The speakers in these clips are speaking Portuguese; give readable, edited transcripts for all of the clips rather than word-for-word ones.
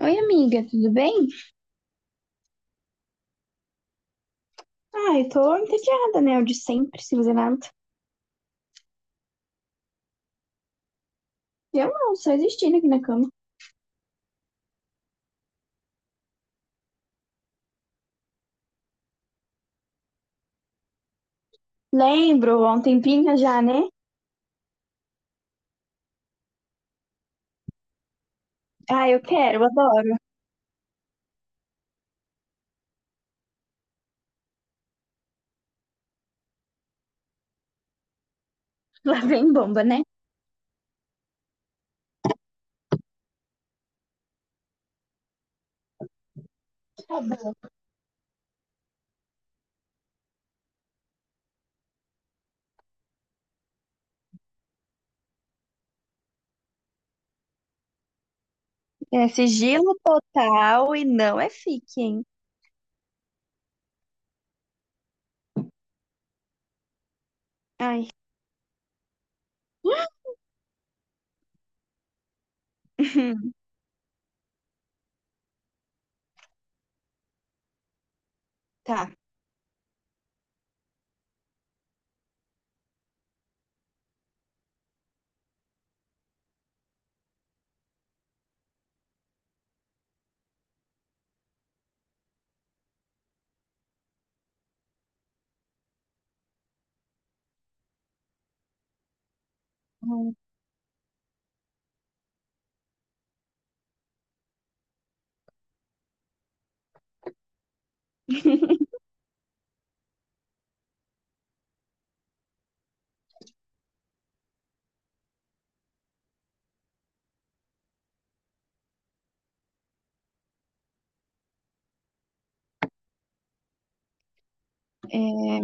Oi, amiga, tudo bem? Ai, tô entediada, né? O de sempre, sem fazer nada. Eu não, só existindo aqui na cama. Lembro, há um tempinho já, né? Ah, eu quero, eu adoro. Lá vem bomba, né? Tá bom. É sigilo total e não é fique, hein? Ai. Tá. Hum. É,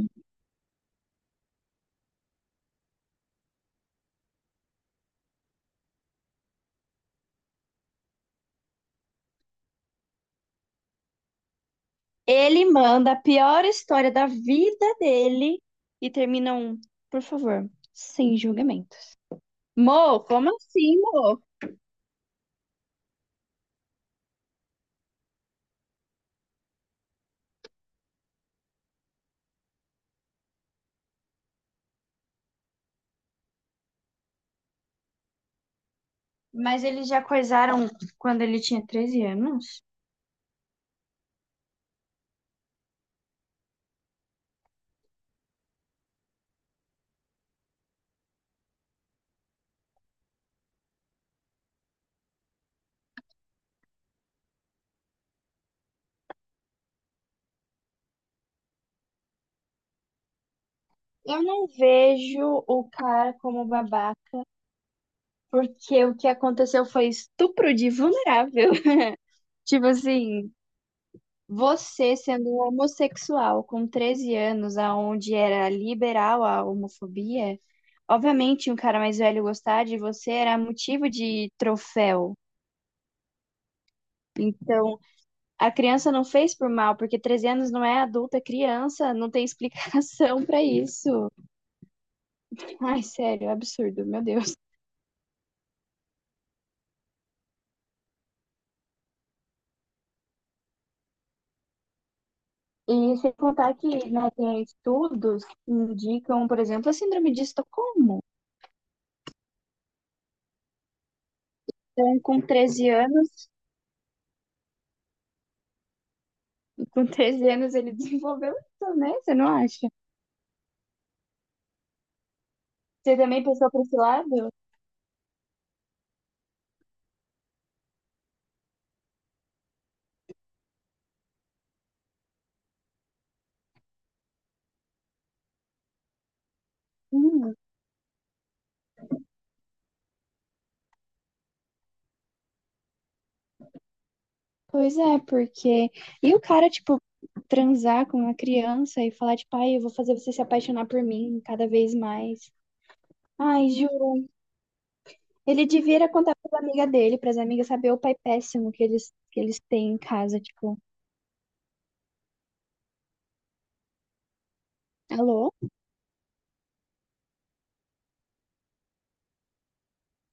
ele manda a pior história da vida dele e termina um, por favor, sem julgamentos. Mo, como assim, Mo? Mas eles já coisaram quando ele tinha 13 anos? Eu não vejo o cara como babaca, porque o que aconteceu foi estupro de vulnerável. Tipo assim, você sendo um homossexual com 13 anos, aonde era liberal a homofobia, obviamente um cara mais velho gostar de você era motivo de troféu. Então, a criança não fez por mal, porque 13 anos não é adulta, é criança, não tem explicação pra isso. Ai, sério, é absurdo, meu Deus. E sem contar que, né, tem estudos que indicam, por exemplo, a síndrome de Estocolmo. Então, com 13 anos, com treze anos ele desenvolveu isso, né? Você não acha? Você também pensou pra esse lado? Hum, pois é, porque. E o cara, tipo, transar com uma criança e falar, tipo, ai, eu vou fazer você se apaixonar por mim cada vez mais. Ai, juro. Ele devia era contar para amiga dele, para as amigas saber o pai péssimo que eles têm em casa, tipo, alô?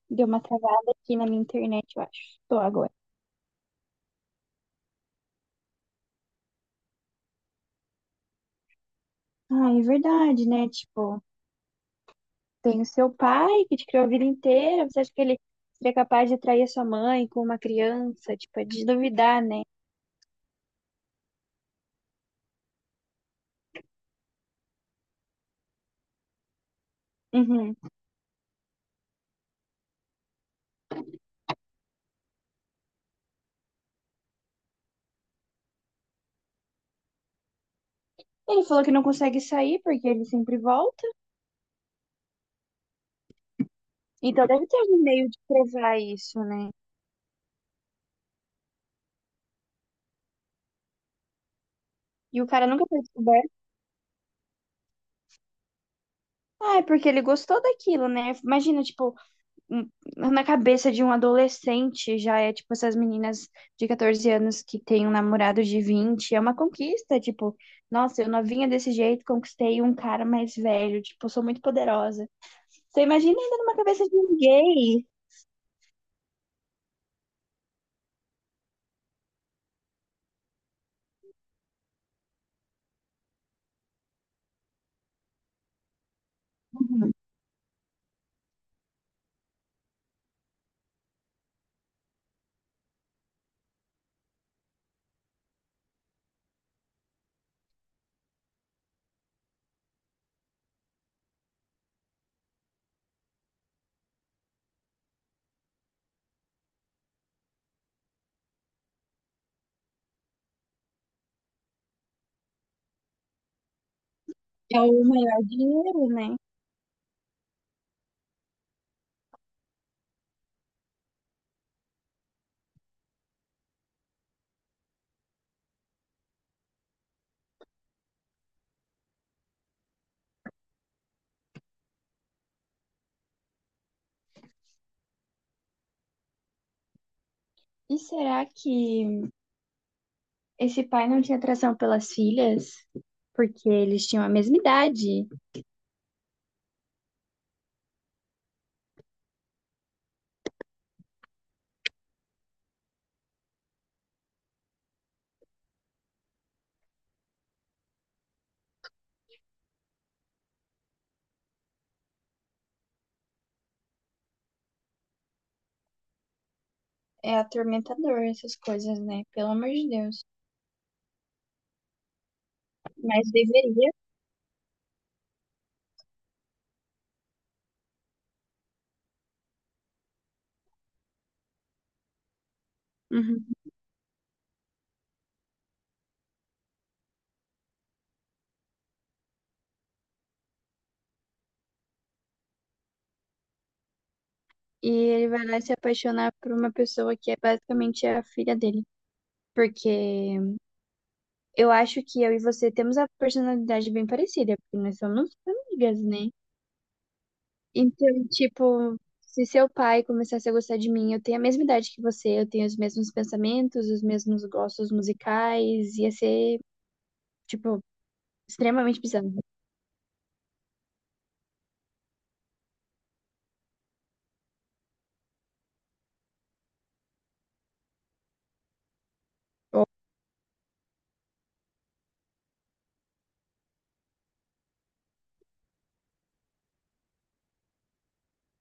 Deu uma travada aqui na minha internet, eu acho. Tô agora. Ah, é verdade, né? Tipo, tem o seu pai que te criou a vida inteira. Você acha que ele seria capaz de trair a sua mãe com uma criança? Tipo, é de duvidar, né? Uhum. Ele falou que não consegue sair porque ele sempre volta. Então deve ter algum meio de provar isso, né? E o cara nunca foi descoberto. Ah, é porque ele gostou daquilo, né? Imagina, tipo, um- na cabeça de um adolescente já é tipo essas meninas de 14 anos que têm um namorado de 20, é uma conquista, tipo, nossa, eu novinha desse jeito, conquistei um cara mais velho, tipo, sou muito poderosa. Você imagina ainda numa cabeça de um gay. Uhum. É o maior dinheiro, né? E será que esse pai não tinha atração pelas filhas? Porque eles tinham a mesma idade. É atormentador essas coisas, né? Pelo amor de Deus. Mas deveria. E ele vai lá se apaixonar por uma pessoa que é basicamente a filha dele. Porque eu acho que eu e você temos a personalidade bem parecida, porque nós somos amigas, né? Então, tipo, se seu pai começasse a gostar de mim, eu tenho a mesma idade que você, eu tenho os mesmos pensamentos, os mesmos gostos musicais, ia ser, tipo, extremamente bizarro.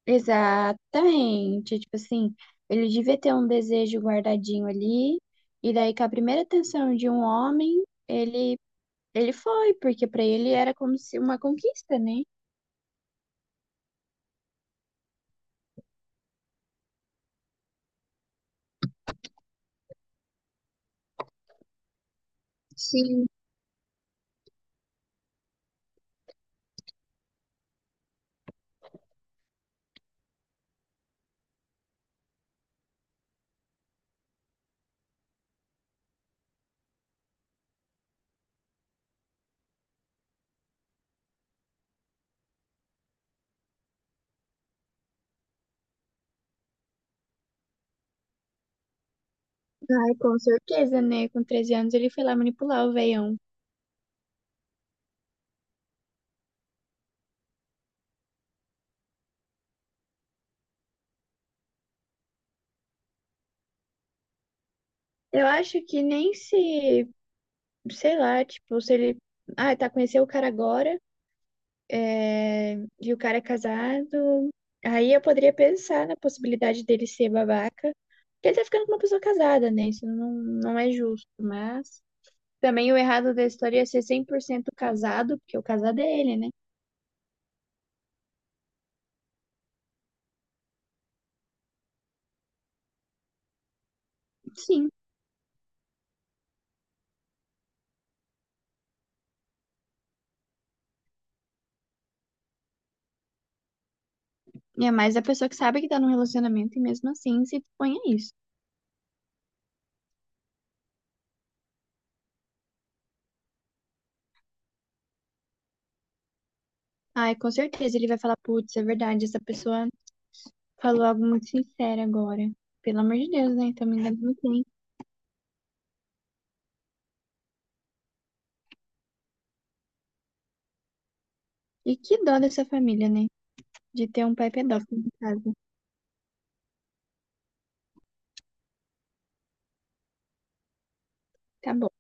Exatamente. Tipo assim, ele devia ter um desejo guardadinho ali, e daí com a primeira atenção de um homem, ele foi, porque pra ele era como se uma conquista, né? Sim. Ai, com certeza, né? Com treze anos ele foi lá manipular o veião. Eu acho que nem se, sei lá, tipo, se ele, ah, tá, conheceu o cara agora, é, e o cara é casado. Aí eu poderia pensar na possibilidade dele ser babaca. Porque ele tá ficando com uma pessoa casada, né? Isso não, não é justo. Mas também o errado da história é ser 100% casado, porque o casado é ele, né? Sim. E é mais a pessoa que sabe que tá num relacionamento e mesmo assim se expõe a isso. Ai, com certeza ele vai falar, putz, é verdade, essa pessoa falou algo muito sincero agora. Pelo amor de Deus, né? Então me engano muito bem. E que dó dessa família, né? De ter um pai pedófilo em casa. Tá bom.